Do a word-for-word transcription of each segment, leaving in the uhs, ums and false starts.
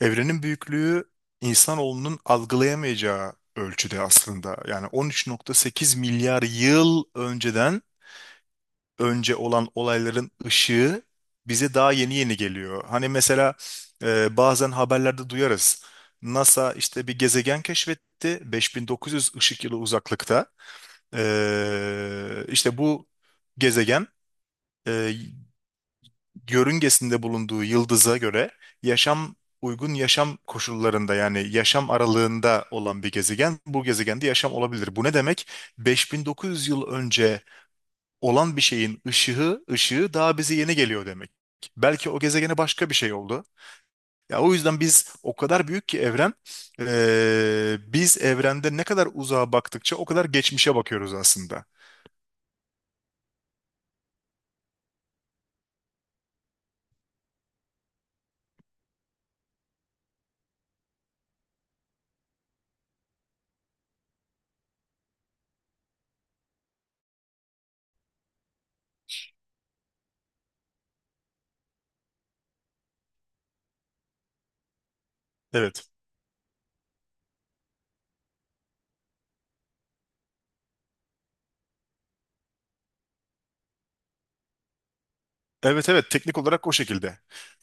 Evrenin büyüklüğü insanoğlunun algılayamayacağı ölçüde aslında. Yani on üç nokta sekiz milyar yıl önceden önce olan olayların ışığı bize daha yeni yeni geliyor. Hani mesela e, bazen haberlerde duyarız. NASA işte bir gezegen keşfetti beş bin dokuz yüz ışık yılı uzaklıkta. E, işte bu gezegen e, yörüngesinde bulunduğu yıldıza göre yaşam uygun yaşam koşullarında, yani yaşam aralığında olan bir gezegen, bu gezegende yaşam olabilir. Bu ne demek? beş bin dokuz yüz yıl önce olan bir şeyin ışığı ışığı daha bize yeni geliyor demek. Belki o gezegene başka bir şey oldu. Ya o yüzden biz, o kadar büyük ki evren, eee, biz evrende ne kadar uzağa baktıkça o kadar geçmişe bakıyoruz aslında. Evet. Evet, evet, teknik olarak o şekilde.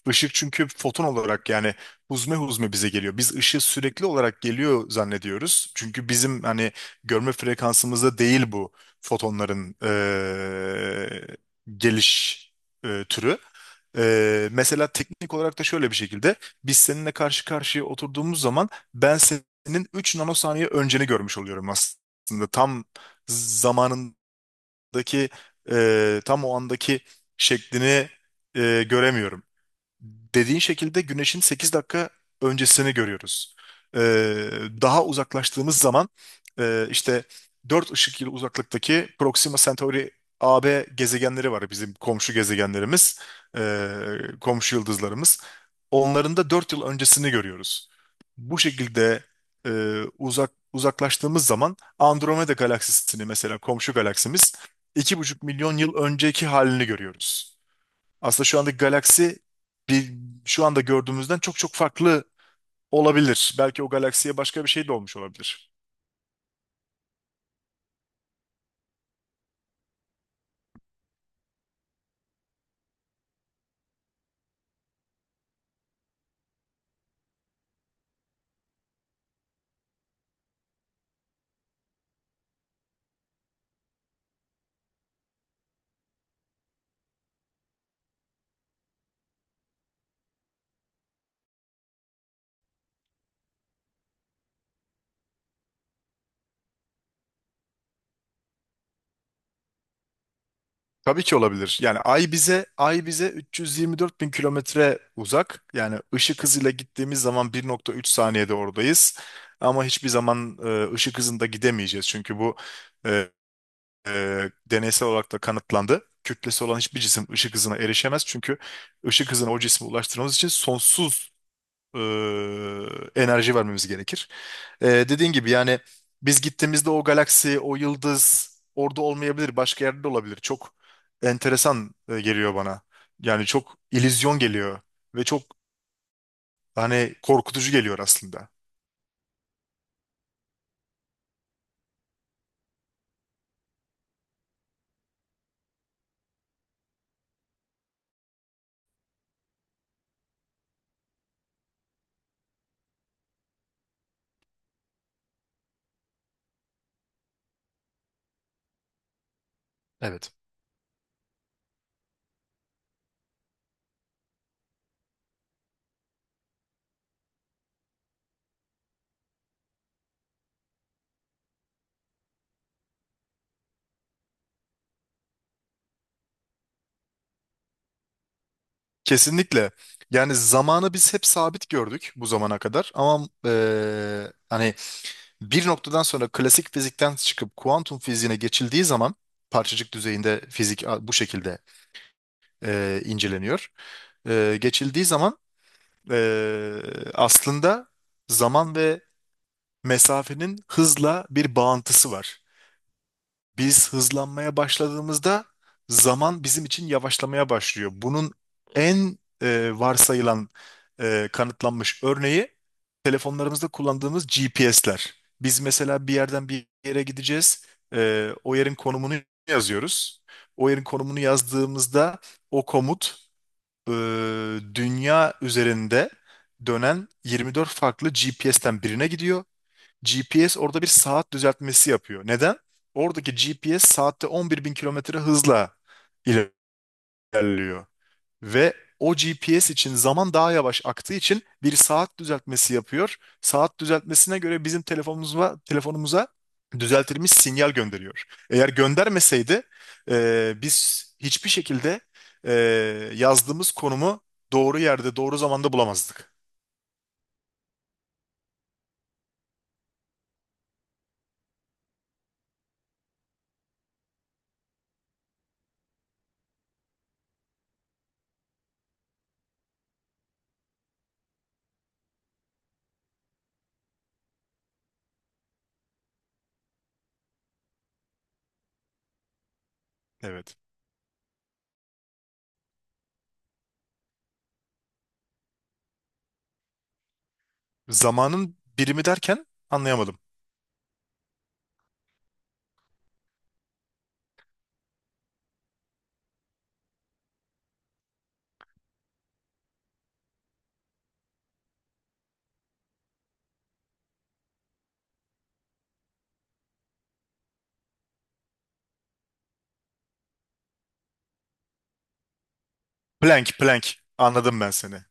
Işık çünkü foton olarak, yani huzme huzme bize geliyor. Biz ışığı sürekli olarak geliyor zannediyoruz. Çünkü bizim hani görme frekansımızda değil bu fotonların eee, geliş eee, türü. Eee, mesela teknik olarak da şöyle bir şekilde, biz seninle karşı karşıya oturduğumuz zaman ben senin üç nanosaniye önceni görmüş oluyorum aslında. Tam zamanında andaki, e, tam o andaki şeklini e, göremiyorum. Dediğin şekilde güneşin sekiz dakika öncesini görüyoruz. E, daha uzaklaştığımız zaman, e, işte dört ışık yılı uzaklıktaki Proxima Centauri A B gezegenleri var, bizim komşu gezegenlerimiz, e, komşu yıldızlarımız. Onların da dört yıl öncesini görüyoruz. Bu şekilde e, uzak uzaklaştığımız zaman, Andromeda galaksisini, mesela komşu galaksimiz, iki buçuk milyon yıl önceki halini görüyoruz. Aslında şu andaki galaksi bir, şu anda gördüğümüzden çok çok farklı olabilir. Belki o galaksiye başka bir şey de olmuş olabilir. Tabii ki olabilir. Yani Ay bize Ay bize üç yüz yirmi dört bin kilometre uzak. Yani ışık hızıyla gittiğimiz zaman bir nokta üç saniyede oradayız. Ama hiçbir zaman e, ışık hızında gidemeyeceğiz. Çünkü bu e, e, deneysel olarak da kanıtlandı. Kütlesi olan hiçbir cisim ışık hızına erişemez. Çünkü ışık hızına o cismi ulaştırmamız için sonsuz e, enerji vermemiz gerekir. E, dediğin gibi yani, biz gittiğimizde o galaksi, o yıldız orada olmayabilir, başka yerde de olabilir. Çok enteresan e, geliyor bana. Yani çok illüzyon geliyor ve çok, Hani korkutucu geliyor aslında. Evet. Kesinlikle. Yani zamanı biz hep sabit gördük bu zamana kadar, ama eee, hani bir noktadan sonra klasik fizikten çıkıp kuantum fiziğine geçildiği zaman, parçacık düzeyinde fizik a- bu şekilde eee, inceleniyor. Eee, geçildiği zaman, Ee, aslında zaman ve mesafenin hızla bir bağıntısı var. Biz hızlanmaya başladığımızda zaman bizim için yavaşlamaya başlıyor. Bunun en e, varsayılan, e, kanıtlanmış örneği telefonlarımızda kullandığımız G P S'ler. Biz mesela bir yerden bir yere gideceğiz. Ee, o yerin konumunu yazıyoruz. O yerin konumunu yazdığımızda o komut eee, dünya üzerinde dönen yirmi dört farklı G P S'ten birine gidiyor. G P S orada bir saat düzeltmesi yapıyor. Neden? Oradaki G P S saatte on bir bin kilometre hızla ilerliyor. Ve o G P S için zaman daha yavaş aktığı için bir saat düzeltmesi yapıyor. Saat düzeltmesine göre bizim telefonumuza, telefonumuza düzeltilmiş sinyal gönderiyor. Eğer göndermeseydi e, biz hiçbir şekilde e, yazdığımız konumu doğru yerde, doğru zamanda bulamazdık. Evet. Zamanın birimi derken anlayamadım. Plank, plank. Anladım ben seni.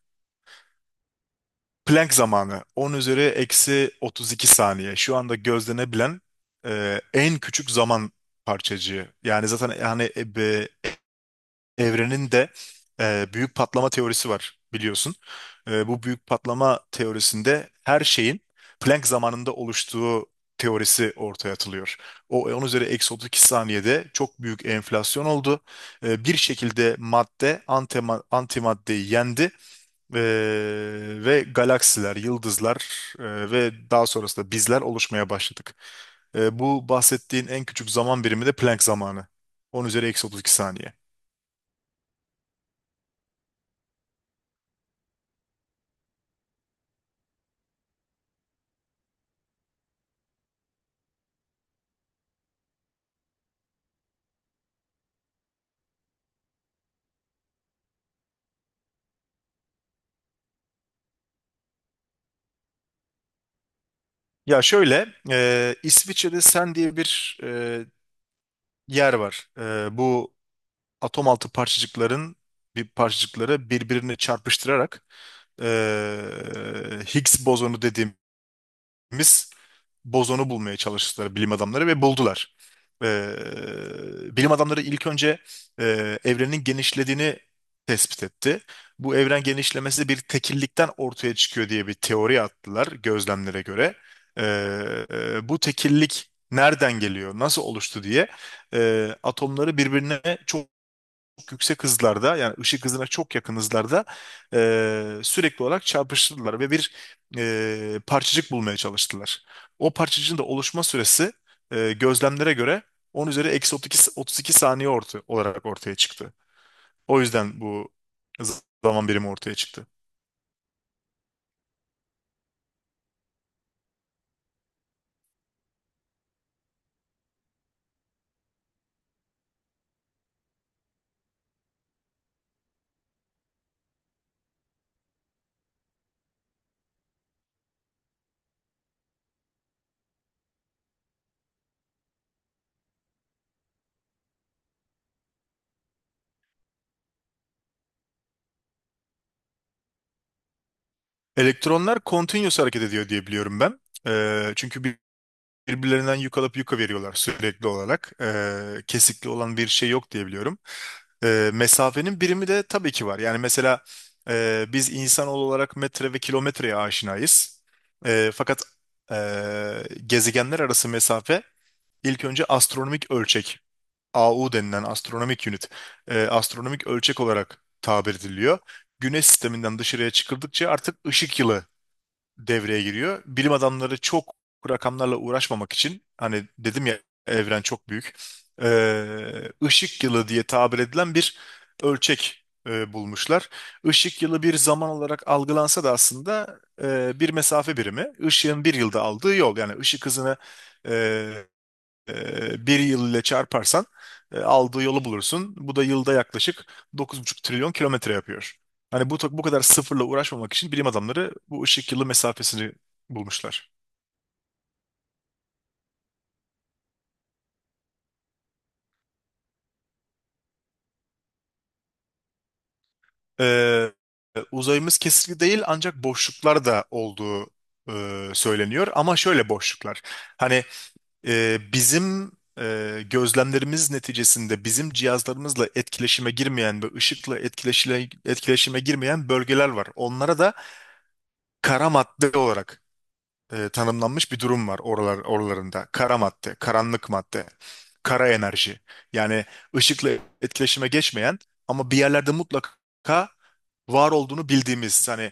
Planck zamanı on üzeri eksi otuz iki saniye. Şu anda gözlenebilen e, en küçük zaman parçacığı. Yani zaten, yani e, be- evrenin de e, büyük patlama teorisi var biliyorsun. E, bu büyük patlama teorisinde her şeyin Planck zamanında oluştuğu teorisi ortaya atılıyor. O on üzeri eksi otuz iki saniyede çok büyük enflasyon oldu. E, bir şekilde madde antima- antimaddeyi yendi, ee, ve galaksiler, yıldızlar e, ve daha sonrasında bizler oluşmaya başladık. E, bu bahsettiğin en küçük zaman birimi de Planck zamanı. On üzeri eksi otuz iki saniye. Ya şöyle, e, İsviçre'de Sen diye bir e, yer var. E, bu atom altı parçacıkların bir parçacıkları birbirine çarpıştırarak, e, Higgs bozonu dediğim biz bozonu bulmaya çalıştılar bilim adamları ve buldular. Ee, bilim adamları ilk önce e, evrenin genişlediğini tespit etti. Bu evren genişlemesi bir tekillikten ortaya çıkıyor diye bir teori attılar gözlemlere göre. Ee, e, bu tekillik nereden geliyor, nasıl oluştu diye e, atomları birbirine çok yüksek hızlarda, yani ışık hızına çok yakın hızlarda, e, sürekli olarak çarpıştırdılar ve bir e, parçacık bulmaya çalıştılar. O parçacığın da oluşma süresi e, gözlemlere göre on üzeri eksi otuz iki, otuz iki saniye orta, olarak ortaya çıktı. O yüzden bu z- zaman birimi ortaya çıktı. Elektronlar continuous hareket ediyor diye biliyorum ben. E, çünkü bir- birbirlerinden yük alıp yuka veriyorlar sürekli olarak. E, kesikli olan bir şey yok diye biliyorum. E, mesafenin birimi de tabii ki var. Yani mesela e, biz insan olarak metre ve kilometreye aşinayız. E, fakat e, gezegenler arası mesafe ilk önce astronomik ölçek, A U denilen astronomik unit, e, astronomik ölçek olarak tabir ediliyor. Güneş sisteminden dışarıya çıkıldıkça artık ışık yılı devreye giriyor. Bilim adamları çok rakamlarla uğraşmamak için, hani dedim ya, evren çok büyük. Ee, ışık yılı diye tabir edilen bir ölçek e, bulmuşlar. Işık yılı bir zaman olarak algılansa da aslında e, bir mesafe birimi. Işığın bir yılda aldığı yol, yani ışık hızını e, bir yıl ile çarparsan e, aldığı yolu bulursun. Bu da yılda yaklaşık dokuz buçuk trilyon kilometre yapıyor. Hani bu, bu kadar sıfırla uğraşmamak için bilim adamları bu ışık yılı mesafesini bulmuşlar. E, uzayımız kesikli değil, ancak boşluklar da olduğu e, söyleniyor. Ama şöyle boşluklar. Hani e, bizim e, gözlemlerimiz neticesinde bizim cihazlarımızla etkileşime girmeyen ve ışıkla etkileşile, etkileşime girmeyen bölgeler var. Onlara da kara madde olarak e, tanımlanmış bir durum var oralar, oralarında. Kara madde, karanlık madde, kara enerji. Yani ışıkla etkileşime geçmeyen ama bir yerlerde mutlaka var olduğunu bildiğimiz, hani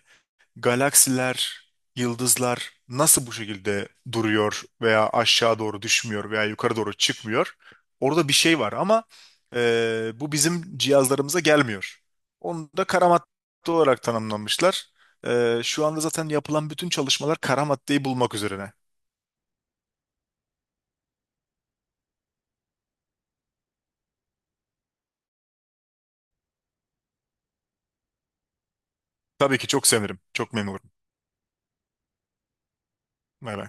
galaksiler, yıldızlar nasıl bu şekilde duruyor veya aşağı doğru düşmüyor veya yukarı doğru çıkmıyor? Orada bir şey var ama e, bu bizim cihazlarımıza gelmiyor. Onu da kara madde olarak tanımlamışlar. E, şu anda zaten yapılan bütün çalışmalar kara maddeyi bulmak üzerine. Tabii ki çok sevinirim. Çok memnun olurum. Bay bay.